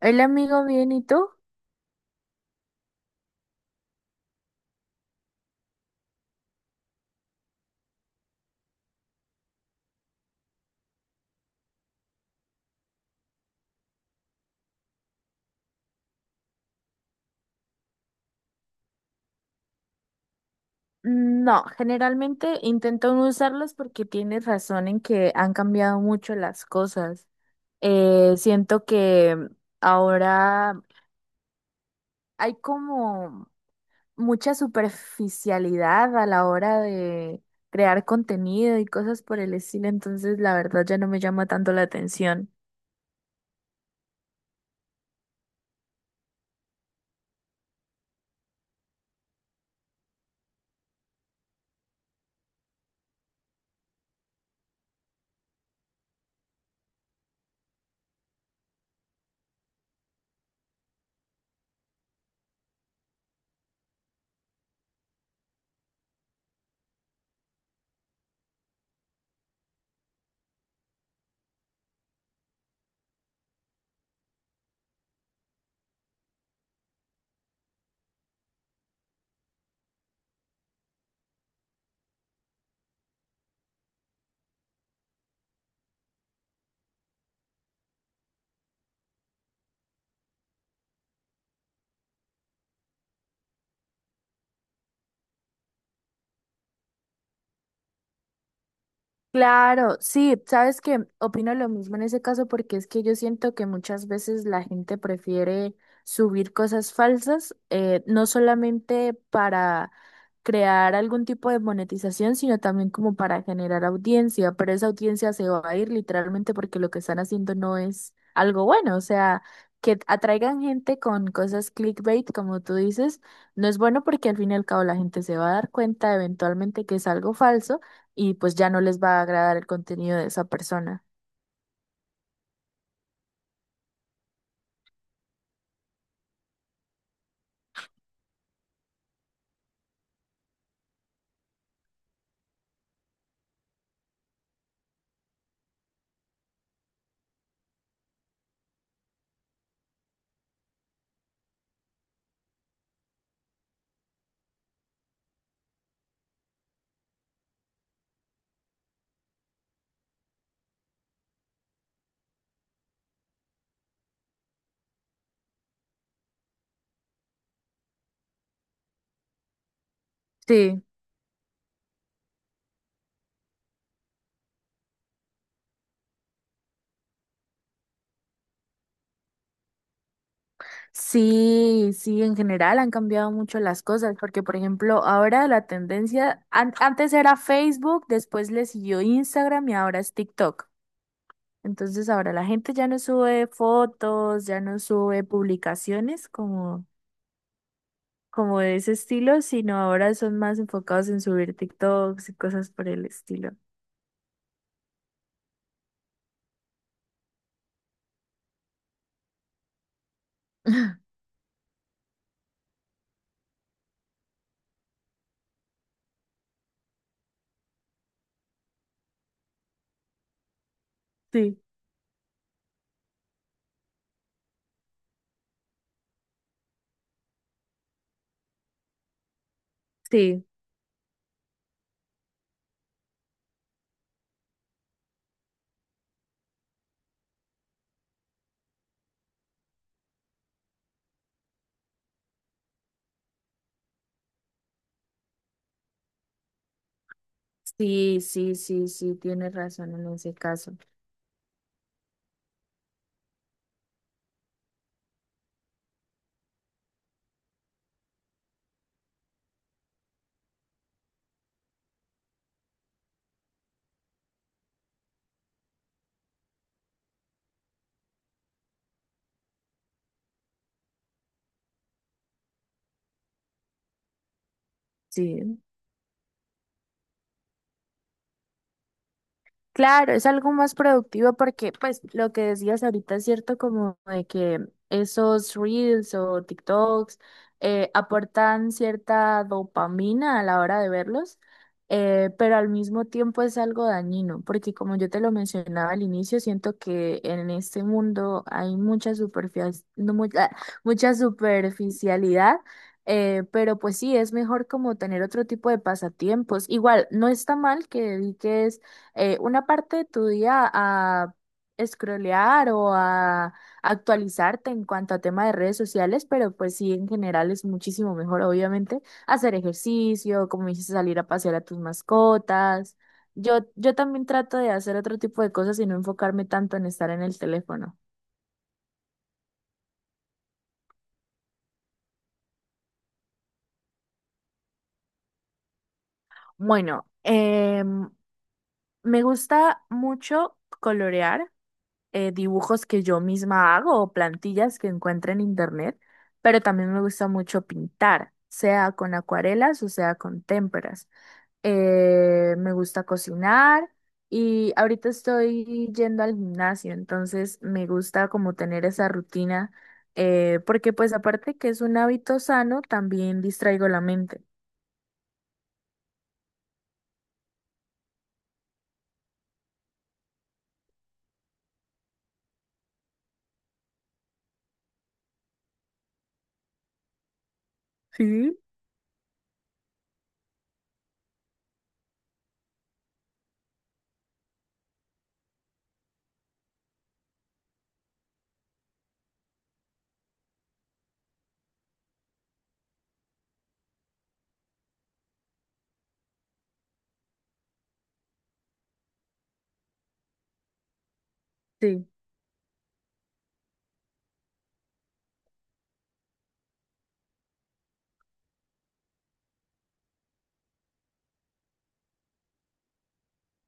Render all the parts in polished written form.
El amigo bien, ¿y tú? No, generalmente intento no usarlos porque tienes razón en que han cambiado mucho las cosas. Siento que ahora hay como mucha superficialidad a la hora de crear contenido y cosas por el estilo, entonces la verdad ya no me llama tanto la atención. Claro, sí, sabes que opino lo mismo en ese caso porque es que yo siento que muchas veces la gente prefiere subir cosas falsas, no solamente para crear algún tipo de monetización, sino también como para generar audiencia, pero esa audiencia se va a ir literalmente porque lo que están haciendo no es algo bueno, o sea, que atraigan gente con cosas clickbait, como tú dices, no es bueno porque al fin y al cabo la gente se va a dar cuenta eventualmente que es algo falso y pues ya no les va a agradar el contenido de esa persona. Sí, sí, sí, en general han cambiado mucho las cosas, porque por ejemplo, ahora la tendencia, antes era Facebook, después le siguió Instagram y ahora es TikTok. Entonces ahora la gente ya no sube fotos, ya no sube publicaciones como de ese estilo, sino ahora son más enfocados en subir TikToks y cosas por el estilo. Sí, sí, sí, sí, sí, sí, tienes razón en ese caso. Sí, claro, es algo más productivo porque, pues, lo que decías ahorita es cierto, como de que esos reels o TikToks aportan cierta dopamina a la hora de verlos, pero al mismo tiempo es algo dañino, porque como yo te lo mencionaba al inicio, siento que en este mundo hay mucha, mucha superficialidad. Pero pues sí, es mejor como tener otro tipo de pasatiempos. Igual, no está mal que dediques una parte de tu día a scrollear o a actualizarte en cuanto a tema de redes sociales, pero pues sí, en general es muchísimo mejor, obviamente, hacer ejercicio, como dices, salir a pasear a tus mascotas. Yo también trato de hacer otro tipo de cosas y no enfocarme tanto en estar en el teléfono. Bueno, me gusta mucho colorear. Dibujos que yo misma hago o plantillas que encuentro en internet, pero también me gusta mucho pintar, sea con acuarelas o sea con témperas. Me gusta cocinar y ahorita estoy yendo al gimnasio, entonces me gusta como tener esa rutina, porque pues aparte que es un hábito sano, también distraigo la mente. Sí, sí.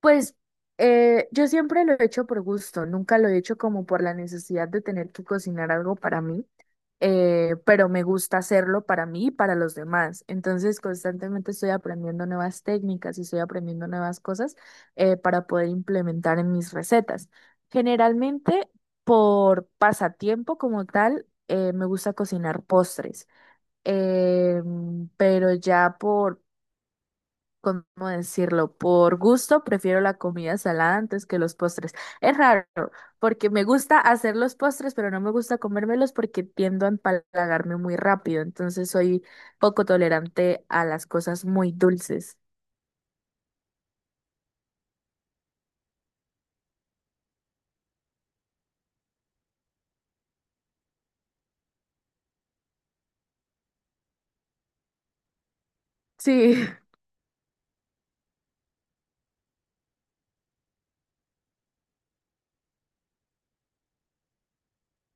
Pues yo siempre lo he hecho por gusto, nunca lo he hecho como por la necesidad de tener que cocinar algo para mí, pero me gusta hacerlo para mí y para los demás. Entonces constantemente estoy aprendiendo nuevas técnicas y estoy aprendiendo nuevas cosas para poder implementar en mis recetas. Generalmente por pasatiempo como tal, me gusta cocinar postres, pero ya por ¿cómo decirlo? Por gusto prefiero la comida salada antes que los postres. Es raro, porque me gusta hacer los postres, pero no me gusta comérmelos porque tiendo a empalagarme muy rápido. Entonces soy poco tolerante a las cosas muy dulces. Sí.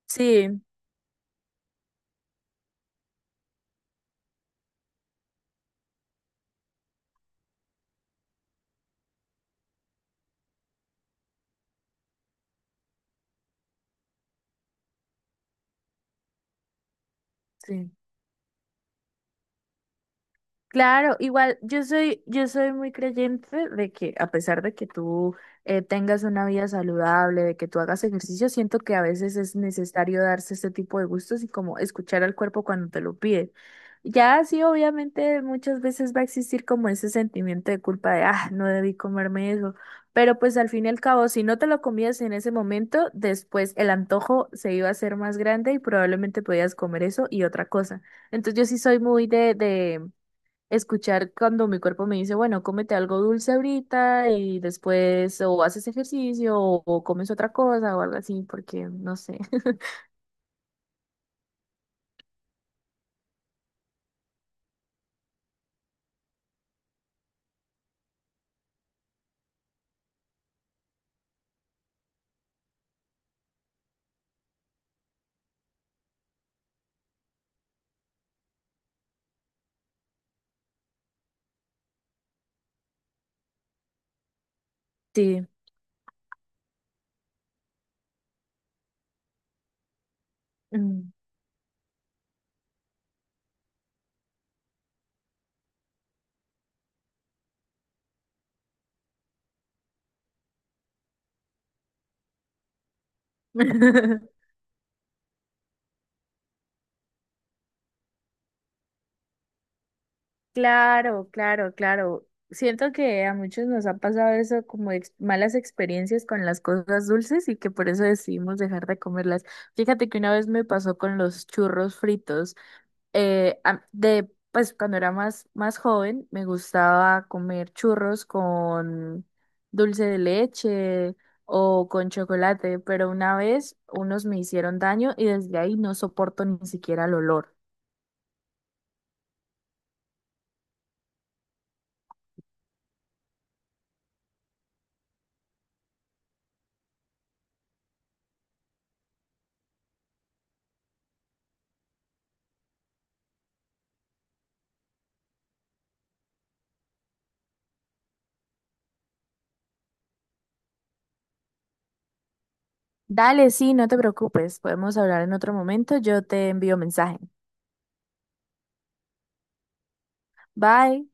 Sí, sí. Claro, igual yo soy muy creyente de que a pesar de que tú tengas una vida saludable, de que tú hagas ejercicio, siento que a veces es necesario darse este tipo de gustos y como escuchar al cuerpo cuando te lo pide. Ya sí, obviamente muchas veces va a existir como ese sentimiento de culpa de, ah, no debí comerme eso, pero pues al fin y al cabo, si no te lo comías en ese momento, después el antojo se iba a hacer más grande y probablemente podías comer eso y otra cosa. Entonces yo sí soy muy de escuchar cuando mi cuerpo me dice, bueno, cómete algo dulce ahorita y después o haces ejercicio o comes otra cosa o algo así, porque no sé. Sí. Mm. Claro, claro, claro. Siento que a muchos nos ha pasado eso como malas experiencias con las cosas dulces y que por eso decidimos dejar de comerlas. Fíjate que una vez me pasó con los churros fritos. Pues cuando era más joven, me gustaba comer churros con dulce de leche o con chocolate, pero una vez unos me hicieron daño y desde ahí no soporto ni siquiera el olor. Dale, sí, no te preocupes, podemos hablar en otro momento, yo te envío mensaje. Bye.